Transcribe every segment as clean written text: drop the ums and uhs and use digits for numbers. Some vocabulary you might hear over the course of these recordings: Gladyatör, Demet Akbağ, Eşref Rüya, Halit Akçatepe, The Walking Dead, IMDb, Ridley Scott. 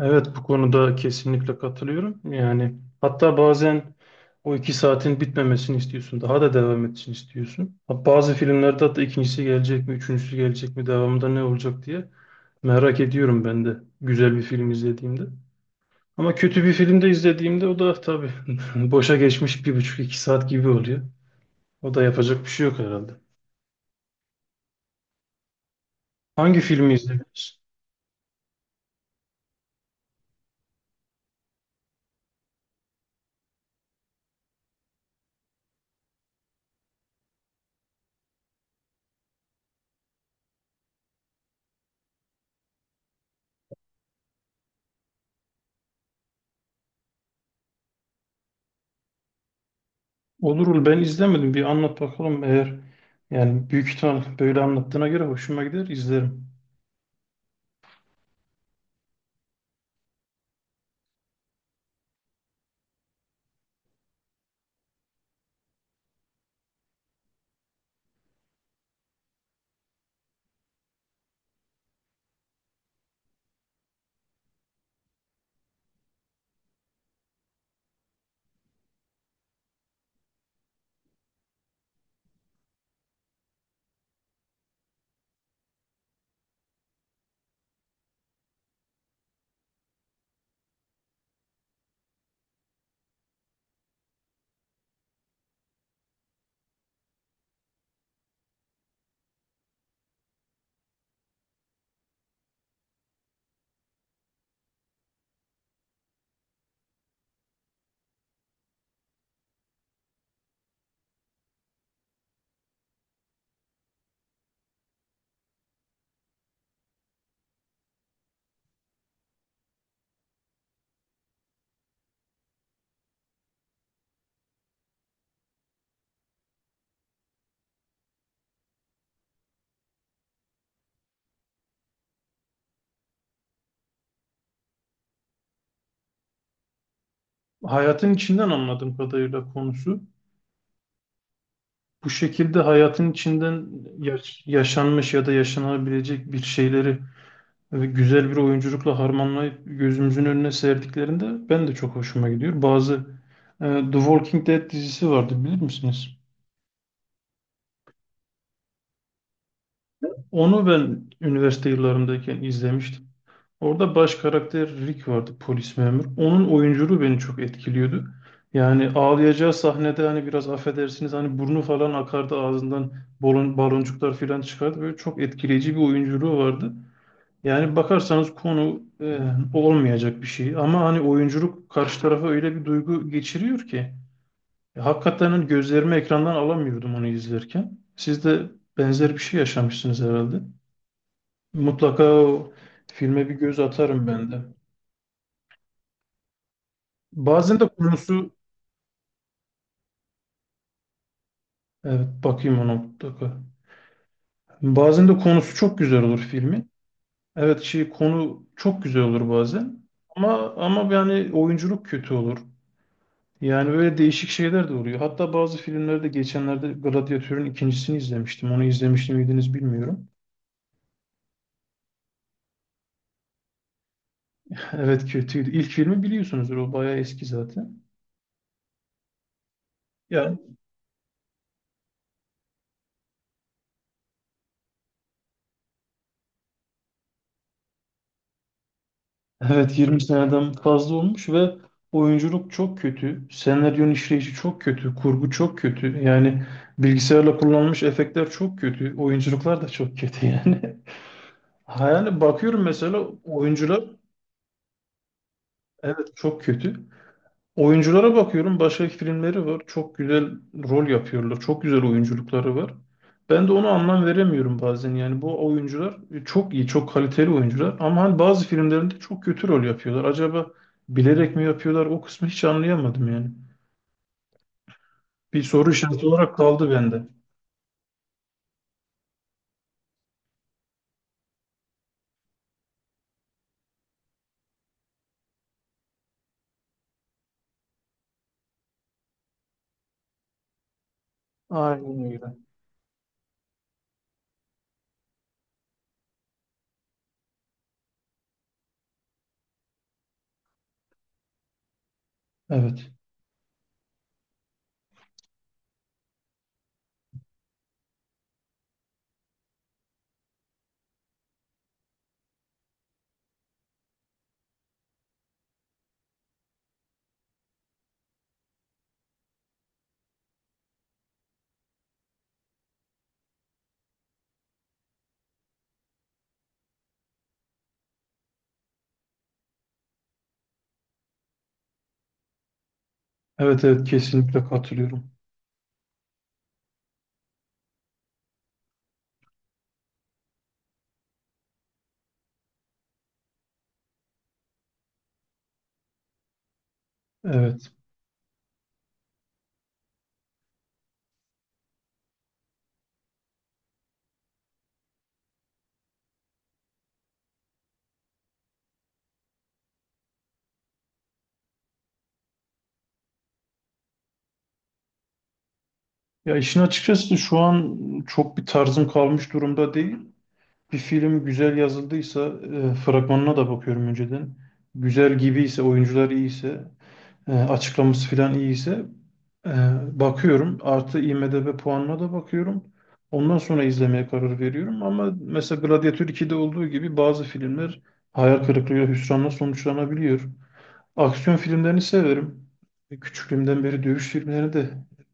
Evet, bu konuda kesinlikle katılıyorum. Yani hatta bazen o 2 saatin bitmemesini istiyorsun. Daha da devam etsin istiyorsun. Ha, bazı filmlerde hatta ikincisi gelecek mi, üçüncüsü gelecek mi, devamında ne olacak diye merak ediyorum ben de güzel bir film izlediğimde. Ama kötü bir film de izlediğimde o da tabii boşa geçmiş bir buçuk iki saat gibi oluyor. O da yapacak bir şey yok herhalde. Hangi filmi izlediniz? Olurul, ben izlemedim. Bir anlat bakalım, eğer yani büyük ihtimal böyle anlattığına göre hoşuma gider izlerim. Hayatın içinden, anladığım kadarıyla konusu. Bu şekilde hayatın içinden yaşanmış ya da yaşanabilecek bir şeyleri güzel bir oyunculukla harmanlayıp gözümüzün önüne serdiklerinde ben de çok hoşuma gidiyor. Bazı e, The Walking Dead dizisi vardı, bilir misiniz? Onu ben üniversite yıllarımdayken izlemiştim. Orada baş karakter Rick vardı, polis memur. Onun oyunculuğu beni çok etkiliyordu. Yani ağlayacağı sahnede hani biraz affedersiniz hani burnu falan akardı, ağzından balon, baloncuklar falan çıkardı. Böyle çok etkileyici bir oyunculuğu vardı. Yani bakarsanız konu olmayacak bir şey ama hani oyunculuk karşı tarafa öyle bir duygu geçiriyor ki. Hakikaten hani gözlerimi ekrandan alamıyordum onu izlerken. Siz de benzer bir şey yaşamışsınız herhalde. Mutlaka o filme bir göz atarım ben de. Bazen de konusu. Evet, bakayım ona mutlaka. Bazen de konusu çok güzel olur filmin. Evet, şey, konu çok güzel olur bazen. Ama yani oyunculuk kötü olur. Yani böyle değişik şeyler de oluyor. Hatta bazı filmlerde geçenlerde Gladyatör'ün ikincisini izlemiştim. Onu izlemiş miydiniz bilmiyorum. Evet, kötüydü. İlk filmi biliyorsunuzdur. O bayağı eski zaten. Ya, evet, 20 seneden fazla olmuş ve oyunculuk çok kötü. Senaryonun işleyişi çok kötü. Kurgu çok kötü. Yani bilgisayarla kullanılmış efektler çok kötü. Oyunculuklar da çok kötü yani. Yani bakıyorum mesela oyuncular, evet, çok kötü. Oyunculara bakıyorum. Başka filmleri var. Çok güzel rol yapıyorlar. Çok güzel oyunculukları var. Ben de ona anlam veremiyorum bazen. Yani bu oyuncular çok iyi, çok kaliteli oyuncular. Ama hani bazı filmlerinde çok kötü rol yapıyorlar. Acaba bilerek mi yapıyorlar? O kısmı hiç anlayamadım yani. Bir soru işareti olarak kaldı bende. Aynen öyle. Evet. Evet, evet, kesinlikle katılıyorum. Evet. Ya, işin açıkçası şu an çok bir tarzım kalmış durumda değil. Bir film güzel yazıldıysa fragmanına da bakıyorum önceden. Güzel gibiyse, oyuncular iyiyse, açıklaması falan iyiyse, e, bakıyorum. Artı IMDb puanına da bakıyorum. Ondan sonra izlemeye karar veriyorum. Ama mesela Gladiator 2'de olduğu gibi bazı filmler hayal kırıklığı, hüsranla sonuçlanabiliyor. Aksiyon filmlerini severim. Küçüklüğümden beri dövüş filmlerini de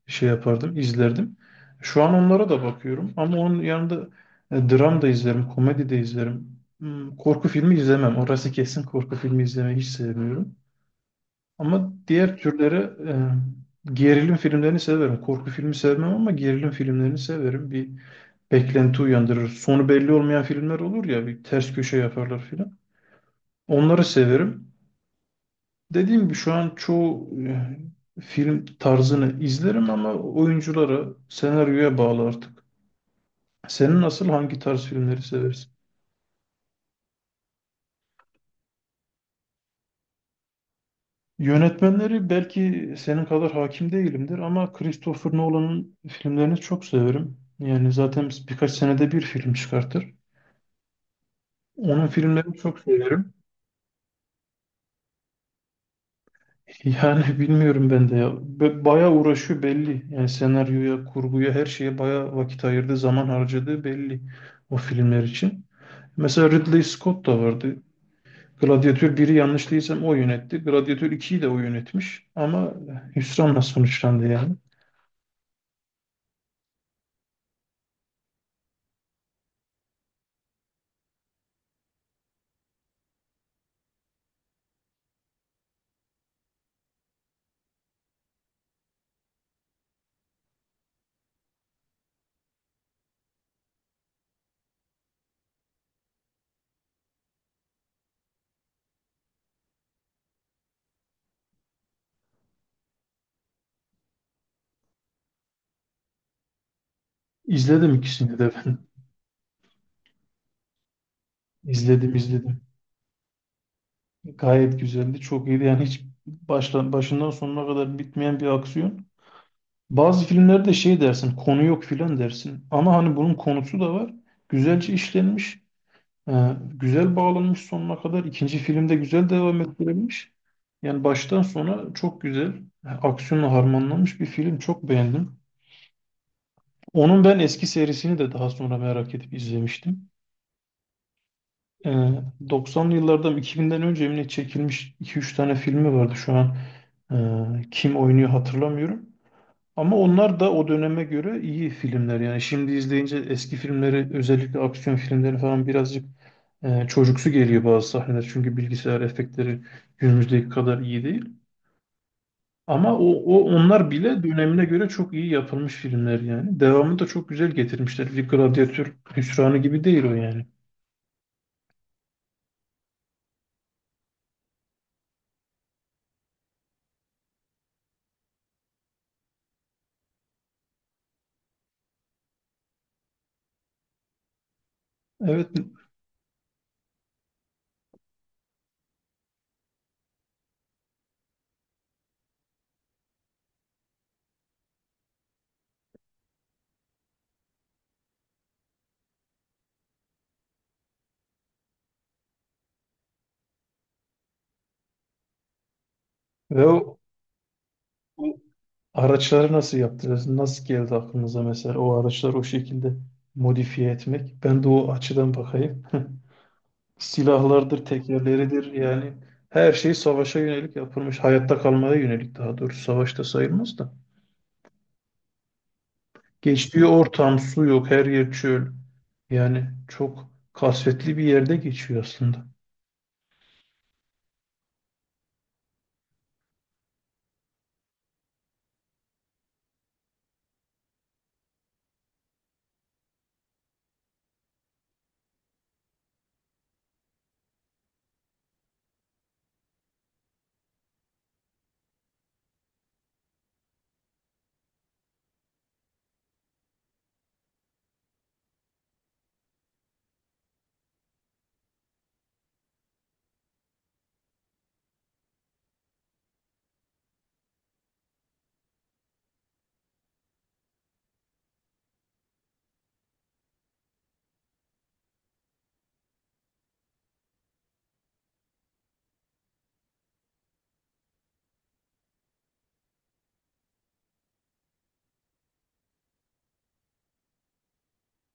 şey yapardım, izlerdim. Şu an onlara da bakıyorum ama onun yanında dram da izlerim, komedi de izlerim. Korku filmi izlemem. Orası kesin, korku filmi izlemeyi hiç sevmiyorum. Ama diğer türlere gerilim filmlerini severim. Korku filmi sevmem ama gerilim filmlerini severim. Bir beklenti uyandırır. Sonu belli olmayan filmler olur ya, bir ters köşe yaparlar filan. Onları severim. Dediğim gibi şu an çoğu film tarzını izlerim ama oyunculara, senaryoya bağlı artık. Senin nasıl, hangi tarz filmleri seversin? Yönetmenleri belki senin kadar hakim değilimdir ama Christopher Nolan'ın filmlerini çok severim. Yani zaten biz birkaç senede bir film çıkartır. Onun filmlerini çok severim. Yani bilmiyorum ben de ya. Bayağı uğraşıyor belli. Yani senaryoya, kurguya, her şeye bayağı vakit ayırdı, zaman harcadığı belli o filmler için. Mesela Ridley Scott da vardı. Gladiator biri, yanlış değilsem o yönetti. Gladiator ikiyi de o yönetmiş. Ama hüsranla sonuçlandı yani. İzledim ikisini de ben. İzledim. Gayet güzeldi. Çok iyiydi. Yani hiç başla, başından sonuna kadar bitmeyen bir aksiyon. Bazı filmlerde şey dersin, konu yok filan dersin. Ama hani bunun konusu da var. Güzelce işlenmiş. Güzel bağlanmış sonuna kadar. İkinci filmde güzel devam ettirilmiş. Yani baştan sona çok güzel, aksiyonla harmanlanmış bir film. Çok beğendim. Onun ben eski serisini de daha sonra merak edip izlemiştim. Ee, 90'lı yıllardan 2000'den önce mi çekilmiş 2-3 tane filmi vardı şu an. Kim oynuyor hatırlamıyorum. Ama onlar da o döneme göre iyi filmler. Yani şimdi izleyince eski filmleri, özellikle aksiyon filmleri falan birazcık çocuksu geliyor bazı sahneler. Çünkü bilgisayar efektleri günümüzdeki kadar iyi değil. Ama o onlar bile dönemine göre çok iyi yapılmış filmler yani. Devamını da çok güzel getirmişler. Bir gladyatör hüsranı gibi değil o yani. Evet, ve o araçları nasıl yaptınız? Nasıl geldi aklınıza mesela o araçları o şekilde modifiye etmek? Ben de o açıdan bakayım. Silahlardır, tekerleridir, yani her şey savaşa yönelik yapılmış. Hayatta kalmaya yönelik daha doğrusu, savaşta sayılmaz da. Geçtiği ortam su yok, her yer çöl. Yani çok kasvetli bir yerde geçiyor aslında.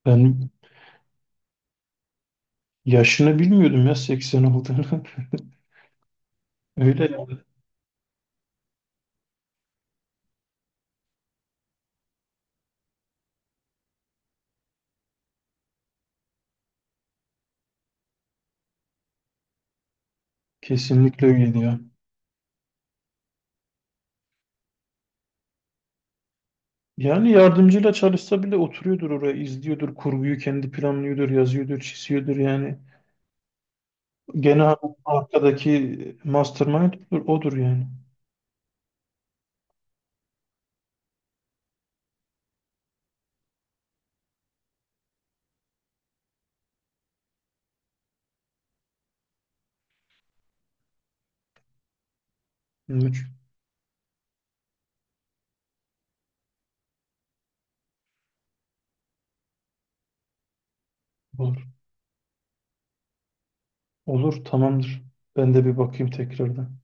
Ben yaşını bilmiyordum ya, 80 olduğunu. Öyle yani. Kesinlikle öyle ya. Yani yardımcıyla çalışsa bile oturuyordur oraya, izliyordur, kurguyu kendi planlıyordur, yazıyordur, çiziyordur yani. Gene arkadaki mastermind odur odur yani. Müthiş. Olur, tamamdır. Ben de bir bakayım tekrardan.